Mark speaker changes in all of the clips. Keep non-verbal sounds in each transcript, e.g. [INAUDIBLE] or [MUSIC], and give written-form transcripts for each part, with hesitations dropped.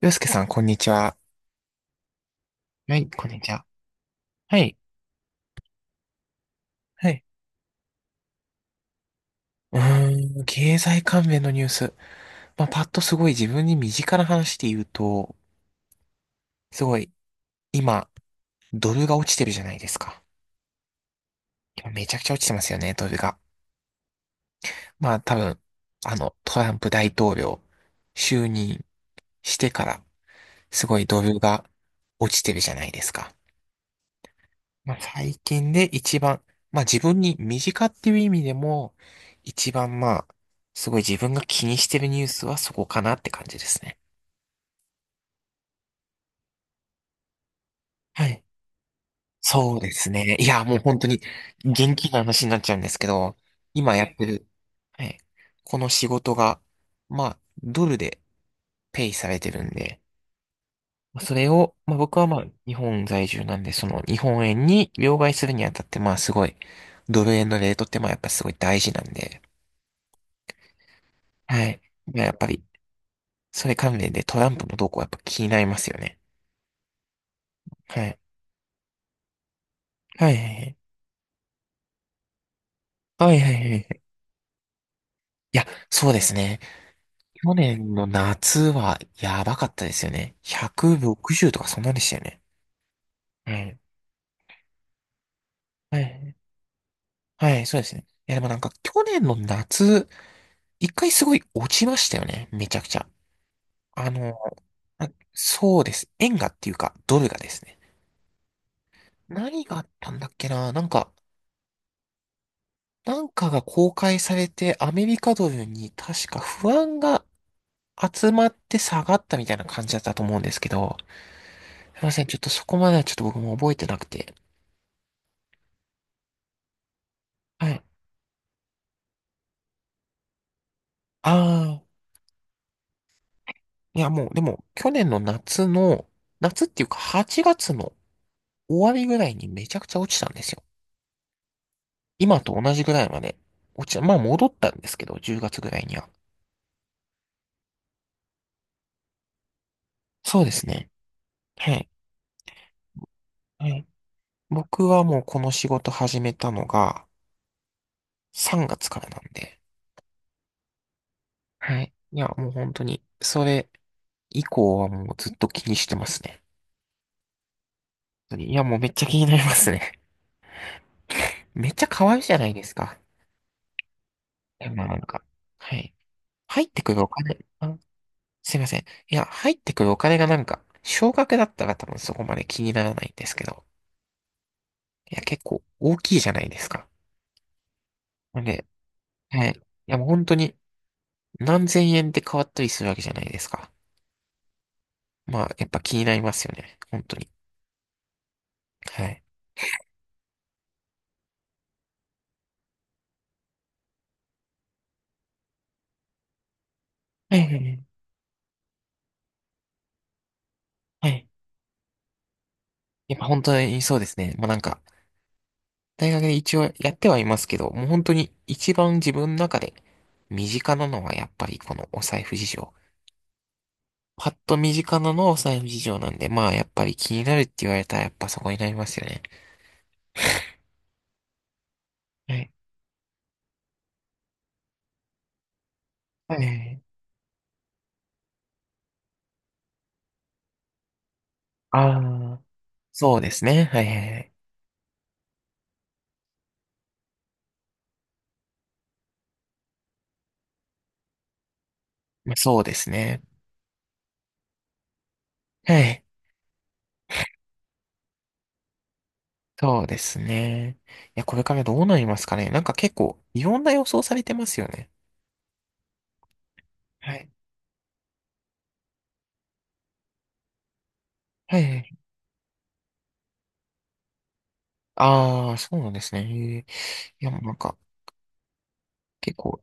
Speaker 1: 洋介さん、こんにちは。はい、こんにちは。はい。はい。う経済関連のニュース。まあ、パッとすごい自分に身近な話で言うと、すごい、今、ドルが落ちてるじゃないですか。今めちゃくちゃ落ちてますよね、ドルが。まあ、多分、トランプ大統領、就任してから、すごいドルが落ちてるじゃないですか。まあ、最近で一番、まあ自分に身近っていう意味でも、一番まあ、すごい自分が気にしてるニュースはそこかなって感じですね。はい。そうですね。いや、もう本当に元気な話になっちゃうんですけど、今やってる、はい。この仕事が、まあ、ドルでペイされてるんで、それを、まあ僕はまあ、日本在住なんで、その日本円に両替するにあたって、まあすごい、ドル円のレートってまあやっぱすごい大事なんで、はい。いややっぱり、それ関連でトランプの動向はやっぱ気になりますよね。はい。はい。はい。はい。はい。はい、いや、そうですね。去年の夏はやばかったですよね。160とかそんなんでしたよね。はい。はい。はい、そうですね。いや、でもなんか去年の夏、一回すごい落ちましたよね。めちゃくちゃ。あの、あ、そうです。円がっていうか、ドルがですね。何があったんだっけな。なんか、なんかが公開されて、アメリカドルに確か不安が集まって下がったみたいな感じだったと思うんですけど、すいません、ちょっとそこまではちょっと僕も覚えてなくて。はい。ああ、いやもう、でも、去年の夏の、夏っていうか8月の終わりぐらいにめちゃくちゃ落ちたんですよ。今と同じぐらいまで落ちた。まあ戻ったんですけど、10月ぐらいには。そうですね。はい。はい。僕はもうこの仕事始めたのが3月からなんで。はい。いや、もう本当に、それ以降はもうずっと気にしてますね。本当にいや、もうめっちゃ気になりますね。[LAUGHS] めっちゃ可愛いじゃないですか。え、まあなんか、はい。入ってくるお金、あ、すいません。いや、入ってくるお金がなんか、少額だったら多分そこまで気にならないんですけど、いや、結構大きいじゃないですか。なんで、はい。いや、もう本当に何千円で変わったりするわけじゃないですか。まあ、やっぱ気になりますよね。本当に。はい。はいはいはい。はい、やっぱ本当にそうですね。まあなんか、大学で一応やってはいますけど、もう本当に一番自分の中で身近なのはやっぱりこのお財布事情。パッと身近なのはお財布事情なんで、まあやっぱり気になるって言われたらやっぱそこになりますよね。はい。はいはいはい。ああ、そうですね。はいはいはい。まあ、そうですね。はい。そうですね。いや、これからどうなりますかね。なんか結構いろんな予想されてますよね。はい。はいはい。ああ、そうなんですね。へえ、いや、もうなんか結構、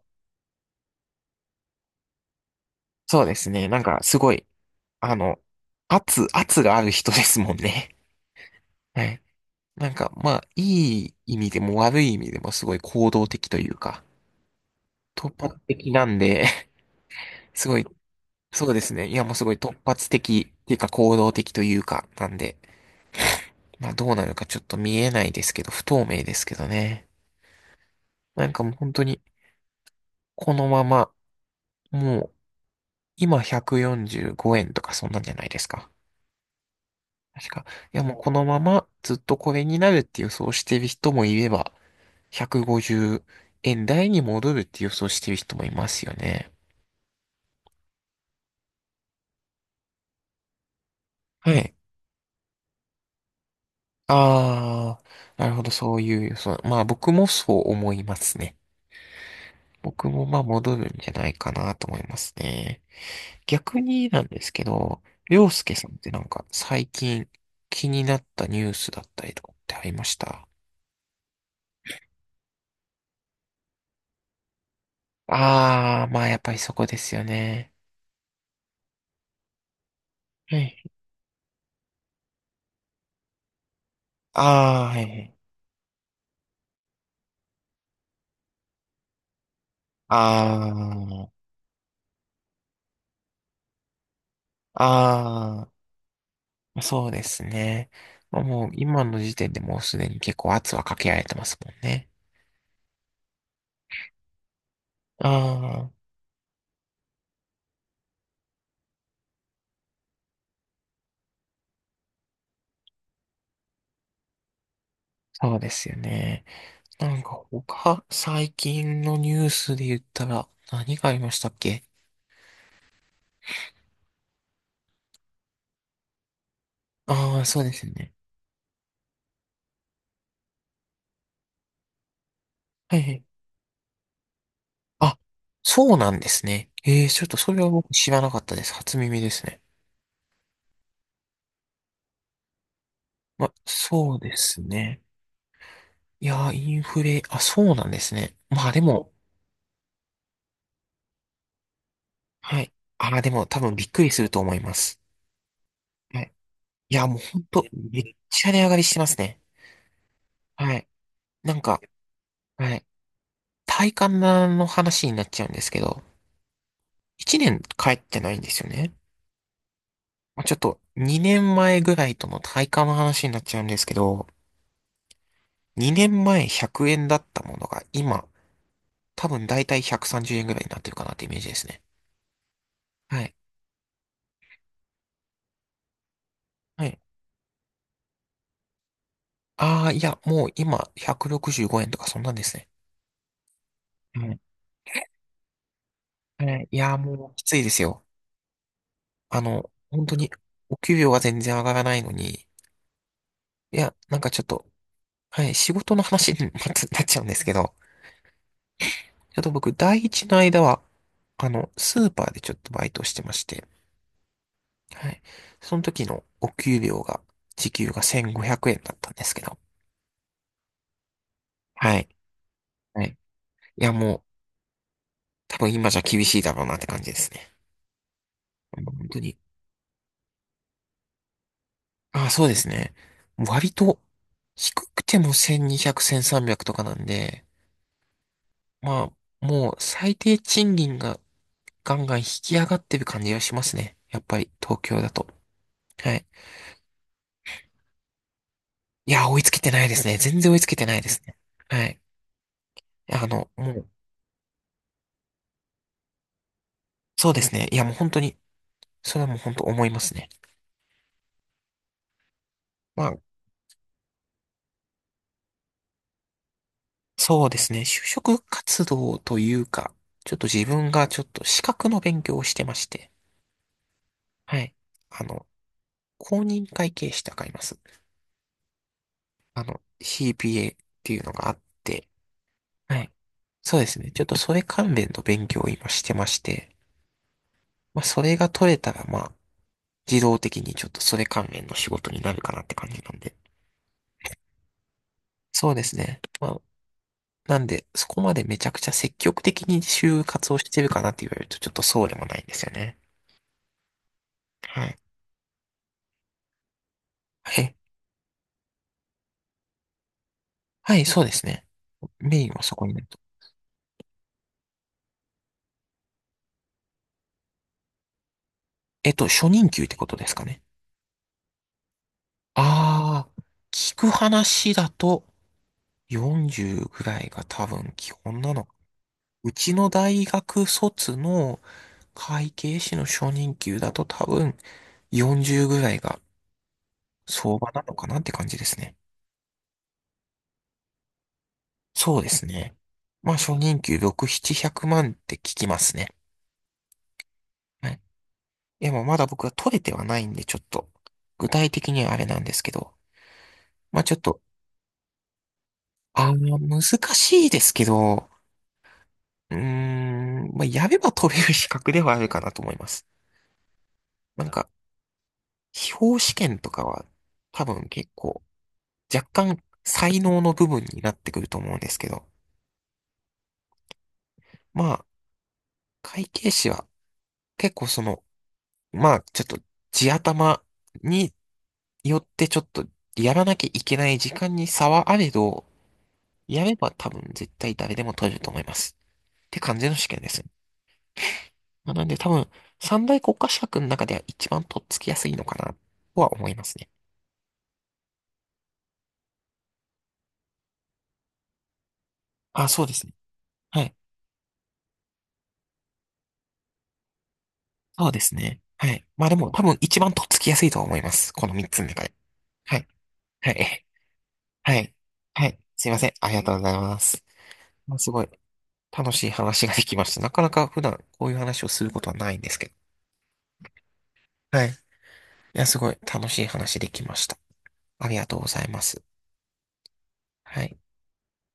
Speaker 1: そうですね。なんかすごい。あの、圧がある人ですもんね。[LAUGHS] はい。なんか、まあ、いい意味でも悪い意味でもすごい行動的というか、突発的なんで、[LAUGHS] すごい、そうですね。いや、もうすごい突発的っていうか行動的というか、なんで、まあどうなるかちょっと見えないですけど、不透明ですけどね。なんかもう本当に、このまま、もう、今145円とかそんなんじゃないですか。確か。いや、もうこのままずっとこれになるって予想してる人もいれば、150円台に戻るって予想してる人もいますよね。はい。ああ、なるほど、そういう予想。まあ僕もそう思いますね。僕もまあ戻るんじゃないかなと思いますね。逆になんですけど、りょうすけさんってなんか最近気になったニュースだったりとかってありました？ああー、まあやっぱりそこですよね。はい。ああ、はいはい。ああ、ああ。そうですね。まあもう今の時点でもうすでに結構圧はかけられてますもんね。ああ、そうですよね。なんか他、最近のニュースで言ったら何がありましたっけ？ああー、そうですよね。はいはい。あ、そうなんですね。ええ、ちょっとそれは僕知らなかったです。初耳ですね。まあ、そうですね。いやー、インフレ、あ、そうなんですね。まあでも、はい。ああ、でも多分びっくりすると思います。はい、いや、もうほんと、めっちゃ値上がりしてますね。はい。なんか、はい。体感の話になっちゃうんですけど、1年帰ってないんですよね。まあ、ちょっと2年前ぐらいとの体感の話になっちゃうんですけど、2年前100円だったものが今、多分だいたい130円ぐらいになってるかなってイメージですね。はい。はい。ああ、いや、もう今165円とかそんなんですね。はい。はい、いや、もうきついですよ。本当にお給料が全然上がらないのに、いや、なんかちょっと、はい、仕事の話に [LAUGHS] またなっちゃうんですけど、ちょっと僕、第一の間は、スーパーでちょっとバイトをしてまして、はい。その時のお給料が、時給が1500円だったんですけど、はい。はい。いや、もう、多分今じゃ厳しいだろうなって感じですね。もう本当に。ああ、そうですね。割と、低くても1200、1300とかなんで、まあ、もう最低賃金がガンガン引き上がってる感じがしますね。やっぱり東京だと。はい。いや、追いつけてないですね。全然追いつけてないですね。はい。もう、そうですね。いや、もう本当に、それはもう本当思いますね。まあ、そうですね。就職活動というか、ちょっと自分がちょっと資格の勉強をしてまして、はい。あの、公認会計士ってわかります？CPA っていうのがあって、はい。そうですね。ちょっとそれ関連の勉強を今してまして、まあ、それが取れたら、まあ、自動的にちょっとそれ関連の仕事になるかなって感じなんで。そうですね。まあ、なんで、そこまでめちゃくちゃ積極的に就活をしてるかなって言われると、ちょっとそうでもないんですよね。はい。え、はい、そうですね。メインはそこになると。えっと、初任給ってことですかね。あー、聞く話だと40ぐらいが多分基本なのか。うちの大学卒の会計士の初任給だと多分40ぐらいが相場なのかなって感じですね。そうですね。まあ、初任給6、700万って聞きますね。はい。でもまだ僕は取れてはないんで、ちょっと、具体的にはあれなんですけど、まあちょっと、難しいですけど、うーん、まあ、やれば取れる資格ではあるかなと思います。まあなんか、司法試験とかは、多分結構、若干、才能の部分になってくると思うんですけど、まあ、会計士は、結構その、まあ、ちょっと、地頭によってちょっと、やらなきゃいけない時間に差はあれど、やれば多分絶対誰でも取れると思います。って感じの試験です。まあなんで多分、三大国家資格の中では一番とっつきやすいのかな、とは思いますね。あ、そうですね。はい。そうですね。はい。まあでも、多分一番とっつきやすいとは思います。この三つの中で。はい。はい。はい。はい。すいません。ありがとうございます。まあ、すごい。楽しい話ができました。なかなか普段こういう話をすることはないんですけど。はい。いや、すごい楽しい話できました。ありがとうございます。はい。